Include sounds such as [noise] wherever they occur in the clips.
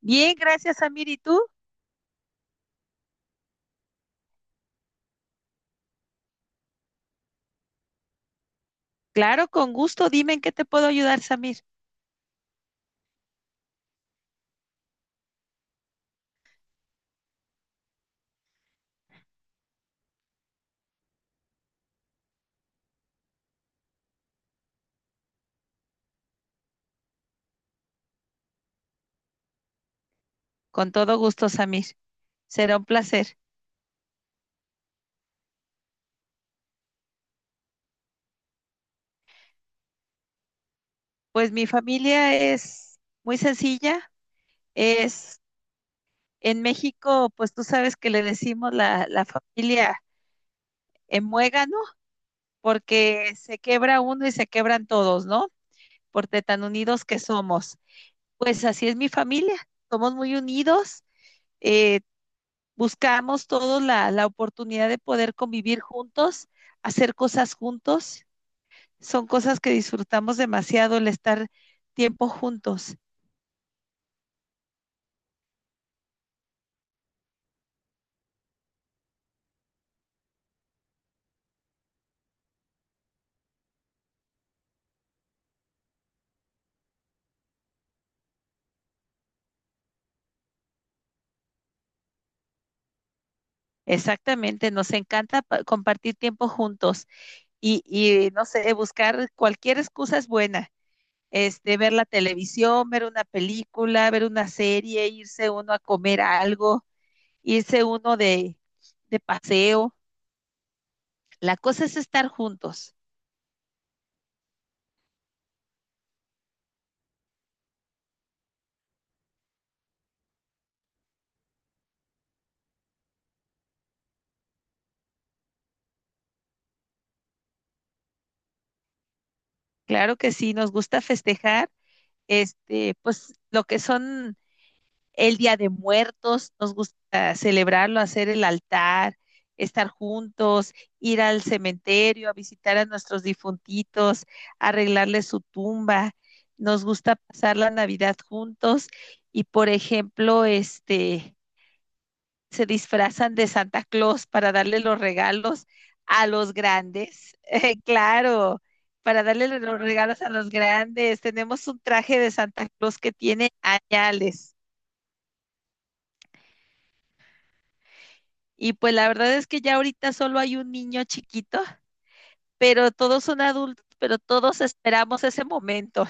Bien, gracias, Samir. ¿Y tú? Claro, con gusto. Dime en qué te puedo ayudar, Samir. Con todo gusto, Samir. Será un placer. Pues mi familia es muy sencilla. Es en México, pues tú sabes que le decimos la familia en muégano, porque se quebra uno y se quebran todos, ¿no? Por de tan unidos que somos. Pues así es mi familia. Somos muy unidos. eh, Buscamos todos la oportunidad de poder convivir juntos, hacer cosas juntos. Son cosas que disfrutamos demasiado el estar tiempo juntos. Exactamente, nos encanta compartir tiempo juntos no sé, buscar cualquier excusa es buena. Este, ver la televisión, ver una película, ver una serie, irse uno a comer algo, irse uno de paseo. La cosa es estar juntos. Claro que sí, nos gusta festejar este, pues lo que son el Día de Muertos, nos gusta celebrarlo, hacer el altar, estar juntos, ir al cementerio, a visitar a nuestros difuntitos, arreglarles su tumba. Nos gusta pasar la Navidad juntos y, por ejemplo, este, se disfrazan de Santa Claus para darle los regalos a los grandes. [laughs] Claro, para darle los regalos a los grandes. Tenemos un traje de Santa Claus que tiene añales. Y pues la verdad es que ya ahorita solo hay un niño chiquito, pero todos son adultos, pero todos esperamos ese momento.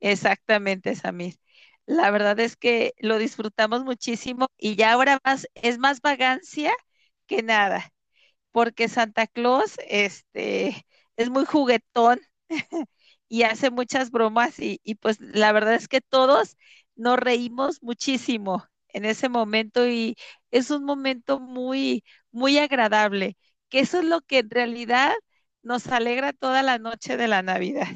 Exactamente, Samir. La verdad es que lo disfrutamos muchísimo y ya ahora más es más vagancia que nada. Porque Santa Claus este, es muy juguetón [laughs] y hace muchas bromas pues la verdad es que todos nos reímos muchísimo en ese momento y es un momento muy agradable, que eso es lo que en realidad nos alegra toda la noche de la Navidad.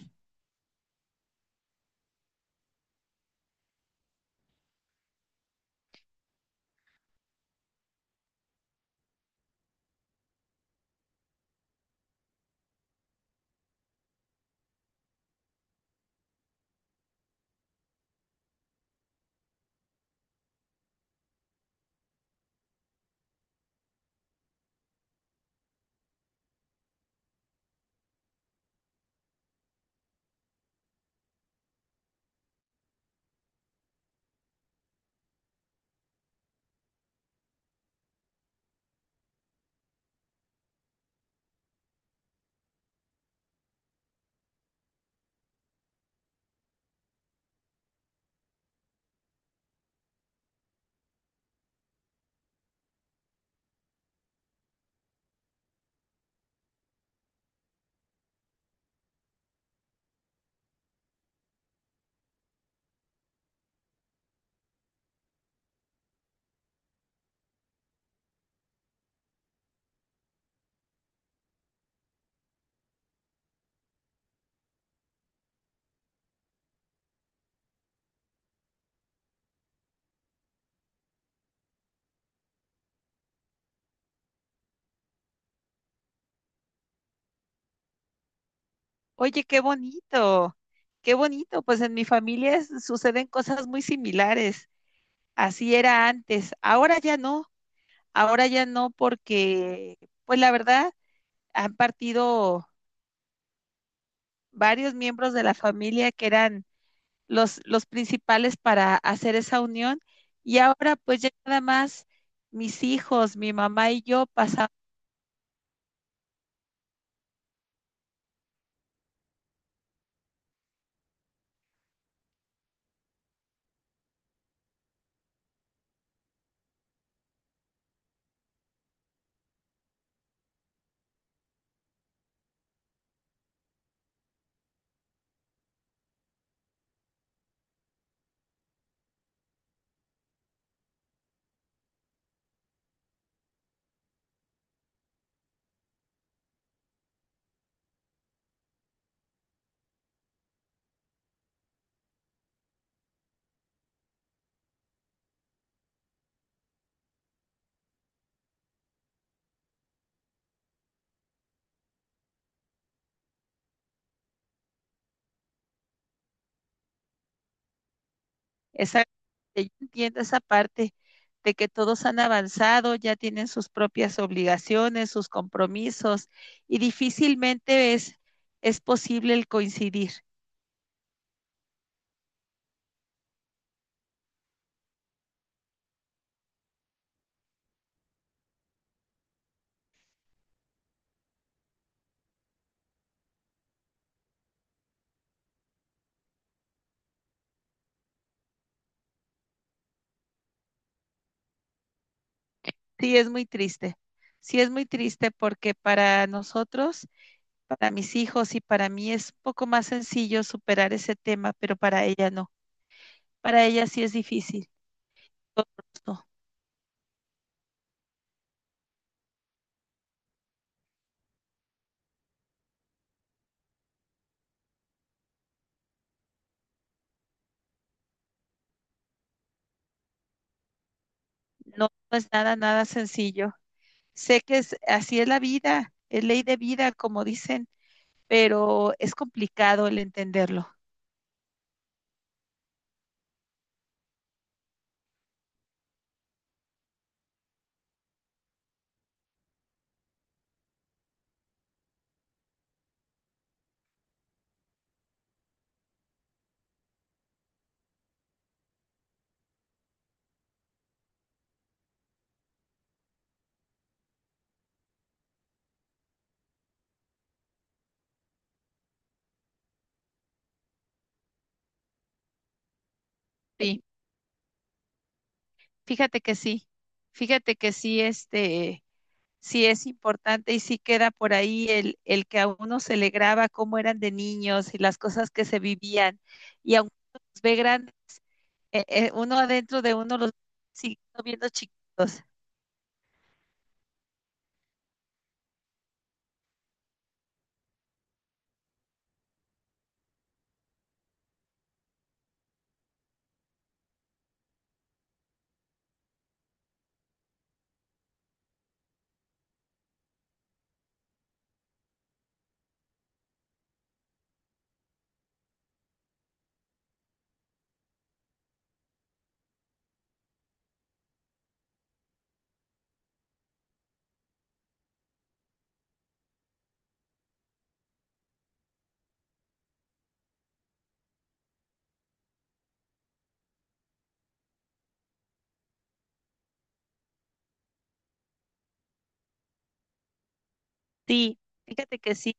Oye, qué bonito, pues en mi familia suceden cosas muy similares, así era antes, ahora ya no. Ahora ya no porque, pues la verdad, han partido varios miembros de la familia que eran los principales para hacer esa unión y ahora pues ya nada más mis hijos, mi mamá y yo pasamos esa, yo entiendo esa parte de que todos han avanzado, ya tienen sus propias obligaciones, sus compromisos y difícilmente es posible el coincidir. Sí, es muy triste. Sí, es muy triste porque para nosotros, para mis hijos y para mí es un poco más sencillo superar ese tema, pero para ella no. Para ella sí es difícil. No, no, no es nada sencillo. Sé que es, así es la vida, es ley de vida, como dicen, pero es complicado el entenderlo. Sí, fíjate que sí. Fíjate que sí, este, sí es importante y sí queda por ahí el que a uno se le graba cómo eran de niños y las cosas que se vivían. Y aunque uno los ve grandes, uno adentro de uno los sigue viendo chiquitos. Sí, fíjate que sí,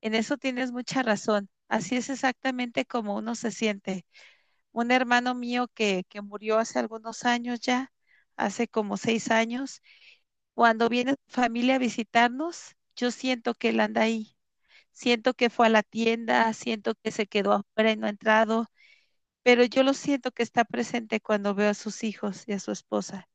en eso tienes mucha razón. Así es exactamente como uno se siente. Un hermano mío que murió hace algunos años ya, hace como 6 años, cuando viene su familia a visitarnos, yo siento que él anda ahí, siento que fue a la tienda, siento que se quedó afuera y no ha entrado, pero yo lo siento que está presente cuando veo a sus hijos y a su esposa.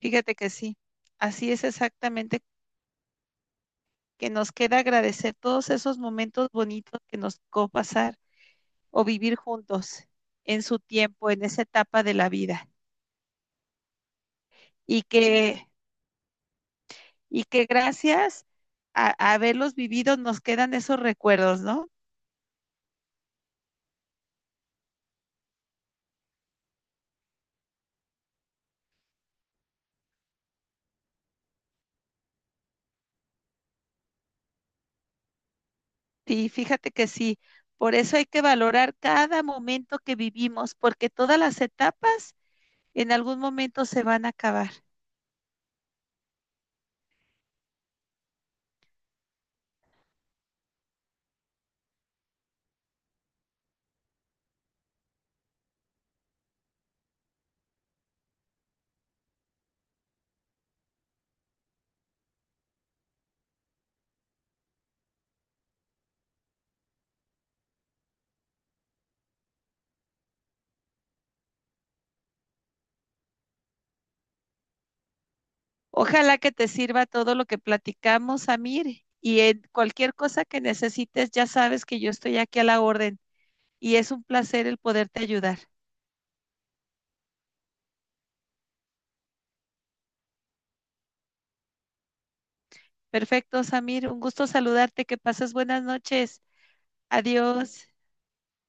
Fíjate que sí, así es exactamente que nos queda agradecer todos esos momentos bonitos que nos tocó pasar o vivir juntos en su tiempo, en esa etapa de la vida. Y que, y que gracias a haberlos vivido nos quedan esos recuerdos, ¿no? Sí, fíjate que sí. Por eso hay que valorar cada momento que vivimos, porque todas las etapas en algún momento se van a acabar. Ojalá que te sirva todo lo que platicamos, Amir, y en cualquier cosa que necesites, ya sabes que yo estoy aquí a la orden y es un placer el poderte ayudar. Perfecto, Samir, un gusto saludarte, que pases buenas noches. Adiós.